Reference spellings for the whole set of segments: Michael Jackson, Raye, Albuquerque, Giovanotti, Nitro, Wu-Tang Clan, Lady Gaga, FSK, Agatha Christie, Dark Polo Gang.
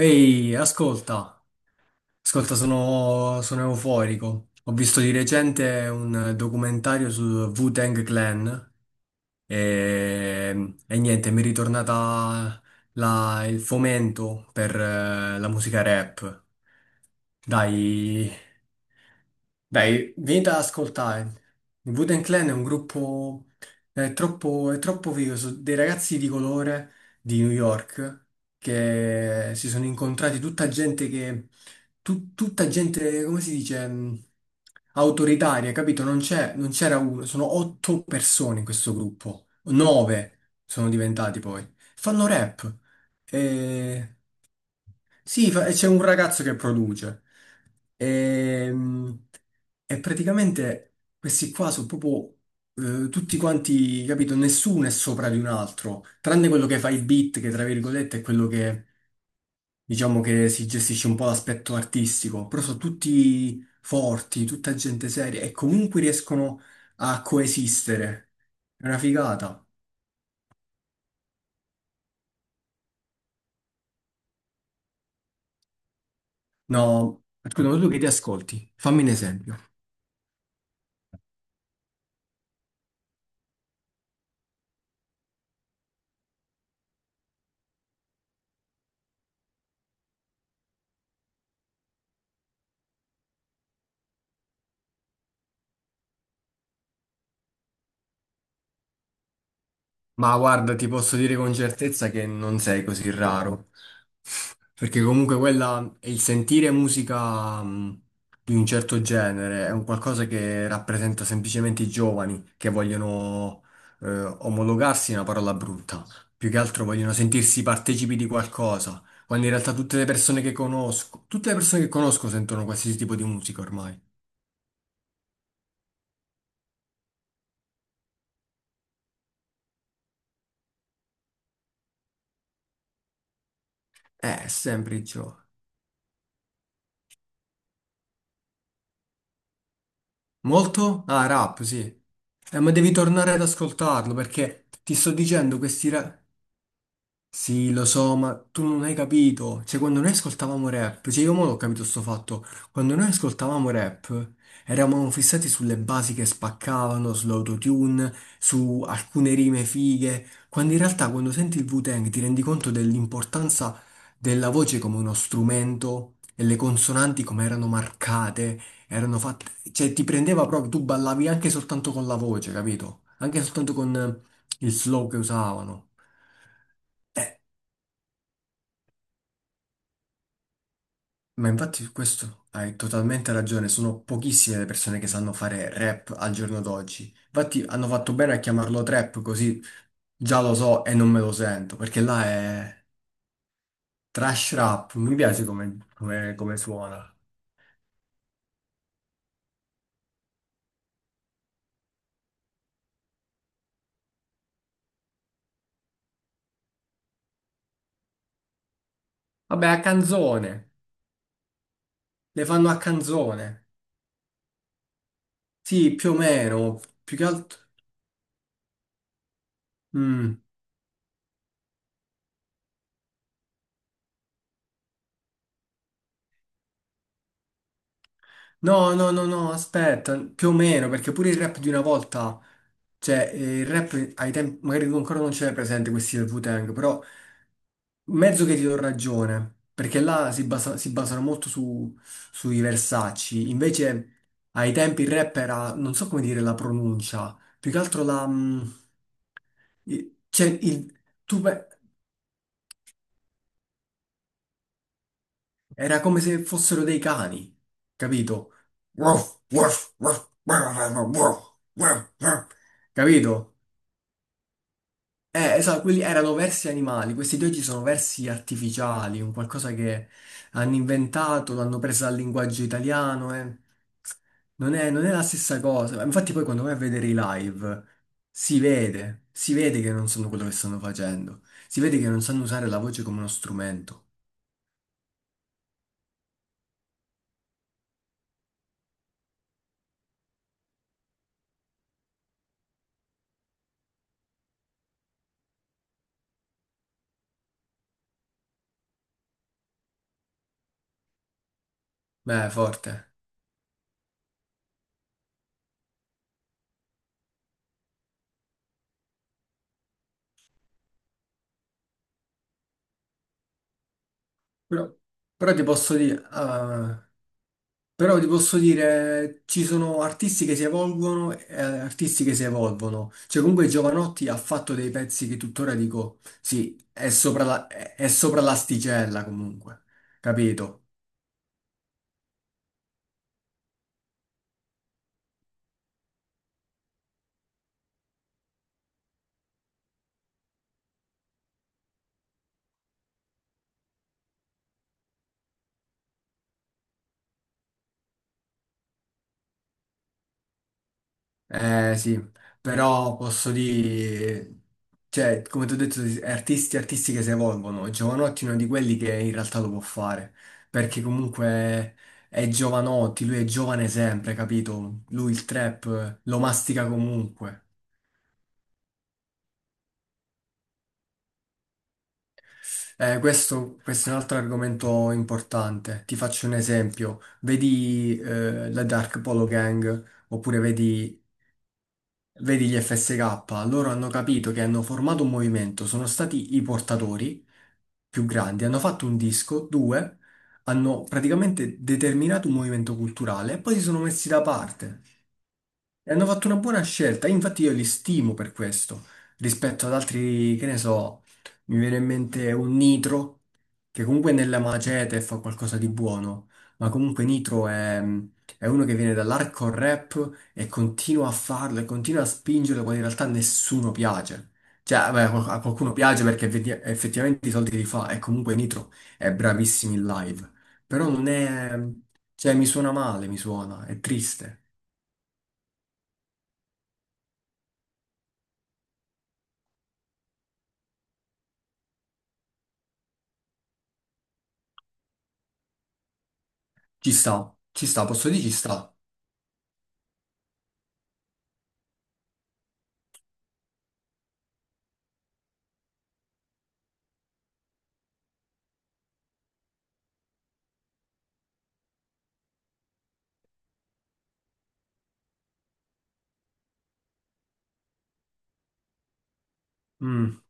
Ehi, ascolta, ascolta, sono euforico. Ho visto di recente un documentario sul Wu-Tang Clan e niente, mi è ritornata il fomento per la musica rap. Dai, dai, venite ad ascoltare. Il Wu-Tang Clan è un gruppo, è troppo figo, sono dei ragazzi di colore di New York che si sono incontrati, tutta gente che, tutta gente, come si dice, autoritaria, capito? Non c'era uno, sono 8 persone in questo gruppo, 9 sono diventati poi. Fanno rap. E... Sì, e c'è un ragazzo che produce. E, mh, e praticamente questi qua sono proprio tutti quanti, capito? Nessuno è sopra di un altro, tranne quello che fa il beat, che tra virgolette è quello che, diciamo, che si gestisce un po' l'aspetto artistico, però sono tutti forti, tutta gente seria e comunque riescono a coesistere. È una figata. No, scusa, ma tu che ti ascolti? Fammi un esempio. Ma guarda, ti posso dire con certezza che non sei così raro. Perché comunque quella è il sentire musica di un certo genere, è un qualcosa che rappresenta semplicemente i giovani che vogliono omologarsi, è una parola brutta, più che altro vogliono sentirsi partecipi di qualcosa, quando in realtà tutte le persone che conosco, tutte le persone che conosco sentono qualsiasi tipo di musica ormai. Sempre i giovani. Molto? Ah, rap, sì. Ma devi tornare ad ascoltarlo perché ti sto dicendo questi rap. Sì, lo so, ma tu non hai capito. Cioè, quando noi ascoltavamo rap, cioè io mo l'ho capito sto fatto. Quando noi ascoltavamo rap, eravamo fissati sulle basi che spaccavano, sull'autotune, su alcune rime fighe, quando in realtà quando senti il Wu-Tang ti rendi conto dell'importanza della voce come uno strumento e le consonanti come erano marcate, erano fatte, cioè ti prendeva proprio, tu ballavi anche soltanto con la voce, capito? Anche soltanto con il flow che usavano. Eh, Ma infatti su questo hai totalmente ragione, sono pochissime le persone che sanno fare rap al giorno d'oggi. Infatti hanno fatto bene a chiamarlo trap, così già lo so e non me lo sento, perché là è trash rap, mi piace come, come suona. Vabbè, a canzone, le fanno a canzone. Sì, più o meno, più che altro. Mm. No, no, no, no, aspetta, più o meno, perché pure il rap di una volta, cioè il rap ai tempi, magari tu ancora non ce l'hai presente questi del Wu-Tang, però mezzo che ti do ragione, perché là si, si basano molto su, sui versacci, invece ai tempi il rap era, non so come dire la pronuncia, più che altro la... mm, cioè, il, tu, era come se fossero dei cani, capito? Ruff, ruff, ruff, ruff, ruff, ruff, ruff. Capito? Esatto, quelli erano versi animali, questi di oggi sono versi artificiali, un qualcosa che hanno inventato, l'hanno presa dal linguaggio italiano, eh. Non è la stessa cosa. Infatti poi quando vai a vedere i live si vede che non sanno quello che stanno facendo, si vede che non sanno usare la voce come uno strumento. Beh, forte. Però, però ti posso dire, ah, però ti posso dire, ci sono artisti che si evolvono e artisti che si evolvono. Cioè, comunque Giovanotti ha fatto dei pezzi che tuttora dico, sì, è sopra è sopra l'asticella comunque, capito? Eh sì, però posso dire, cioè, come ti ho detto, artisti, artisti che si evolvono. Giovanotti è uno di quelli che in realtà lo può fare, perché comunque è Giovanotti, lui è giovane sempre, capito? Lui il trap lo mastica comunque. Questo è un altro argomento importante. Ti faccio un esempio. Vedi la Dark Polo Gang, oppure vedi, vedi gli FSK, loro hanno capito che hanno formato un movimento, sono stati i portatori più grandi, hanno fatto un disco, due, hanno praticamente determinato un movimento culturale e poi si sono messi da parte. E hanno fatto una buona scelta, infatti io li stimo per questo, rispetto ad altri, che ne so, mi viene in mente un Nitro, che comunque nella macete fa qualcosa di buono, ma comunque Nitro è uno che viene dall'hardcore rap e continua a farlo e continua a spingerlo quando in realtà nessuno piace. Cioè, beh, a qualcuno piace perché effettivamente i soldi li fa e comunque Nitro è bravissimo in live, però non è... cioè mi suona male, mi suona, è triste. Ci sta, posso dire ci sta. Mm.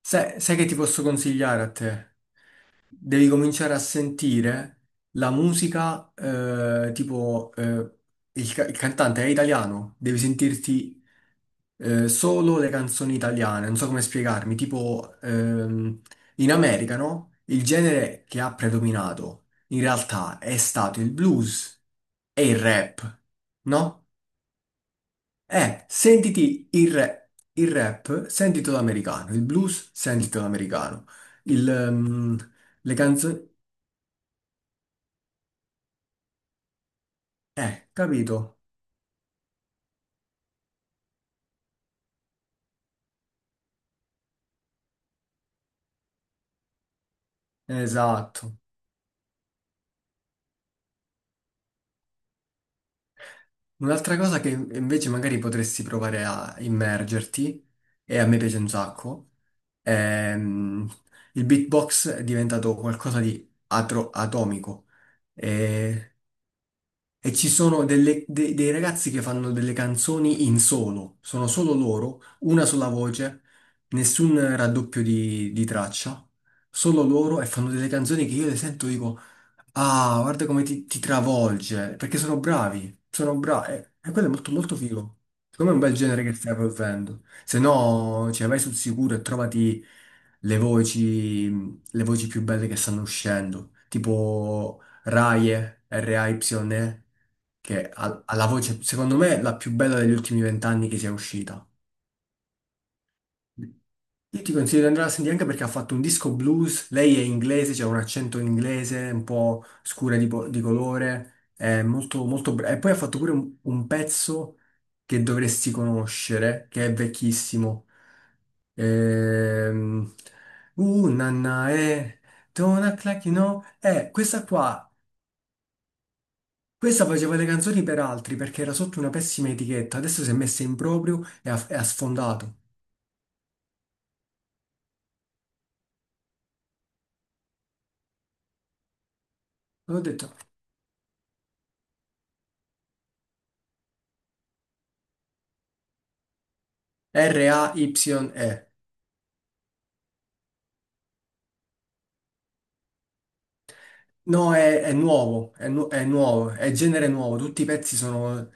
Sai, sai che ti posso consigliare a te? Devi cominciare a sentire la musica, il, il cantante è italiano, devi sentirti solo le canzoni italiane, non so come spiegarmi, tipo, in America, no? Il genere che ha predominato in realtà è stato il blues e il rap, no? Sentiti il rap, sentitelo americano, il blues, sentitelo americano, il, le canzoni... capito? Esatto. Un'altra cosa che invece magari potresti provare a immergerti, e a me piace un sacco, ehm, il beatbox è diventato qualcosa di atomico. E e ci sono dei ragazzi che fanno delle canzoni in solo, sono solo loro, una sola voce, nessun raddoppio di traccia, solo loro e fanno delle canzoni che io le sento e dico. Ah, guarda come ti travolge, perché sono bravi, e quello è molto molto figo. Secondo me è un bel genere che stai approfondendo. Se no, cioè, vai sul sicuro e trovati le voci, le voci più belle che stanno uscendo, tipo Raye, Raye, che ha, ha la voce, secondo me, la più bella degli ultimi 20 anni che sia uscita. Io ti consiglio di andare a sentire anche perché ha fatto un disco blues, lei è inglese, c'è un accento inglese un po' scura di, di colore, è molto, molto brava. E poi ha fatto pure un pezzo che dovresti conoscere, che è vecchissimo. Ehm... nanna, don't act like you know. Questa qua, questa faceva le canzoni per altri perché era sotto una pessima etichetta, adesso si è messa in proprio e ha sfondato. L'ho detto, Raye. No, è nuovo, è, è nuovo, è genere nuovo, tutti i pezzi sono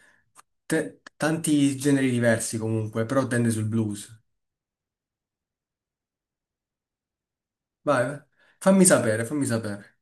tanti generi diversi comunque, però tende sul blues. Vai, vai, fammi sapere, fammi sapere.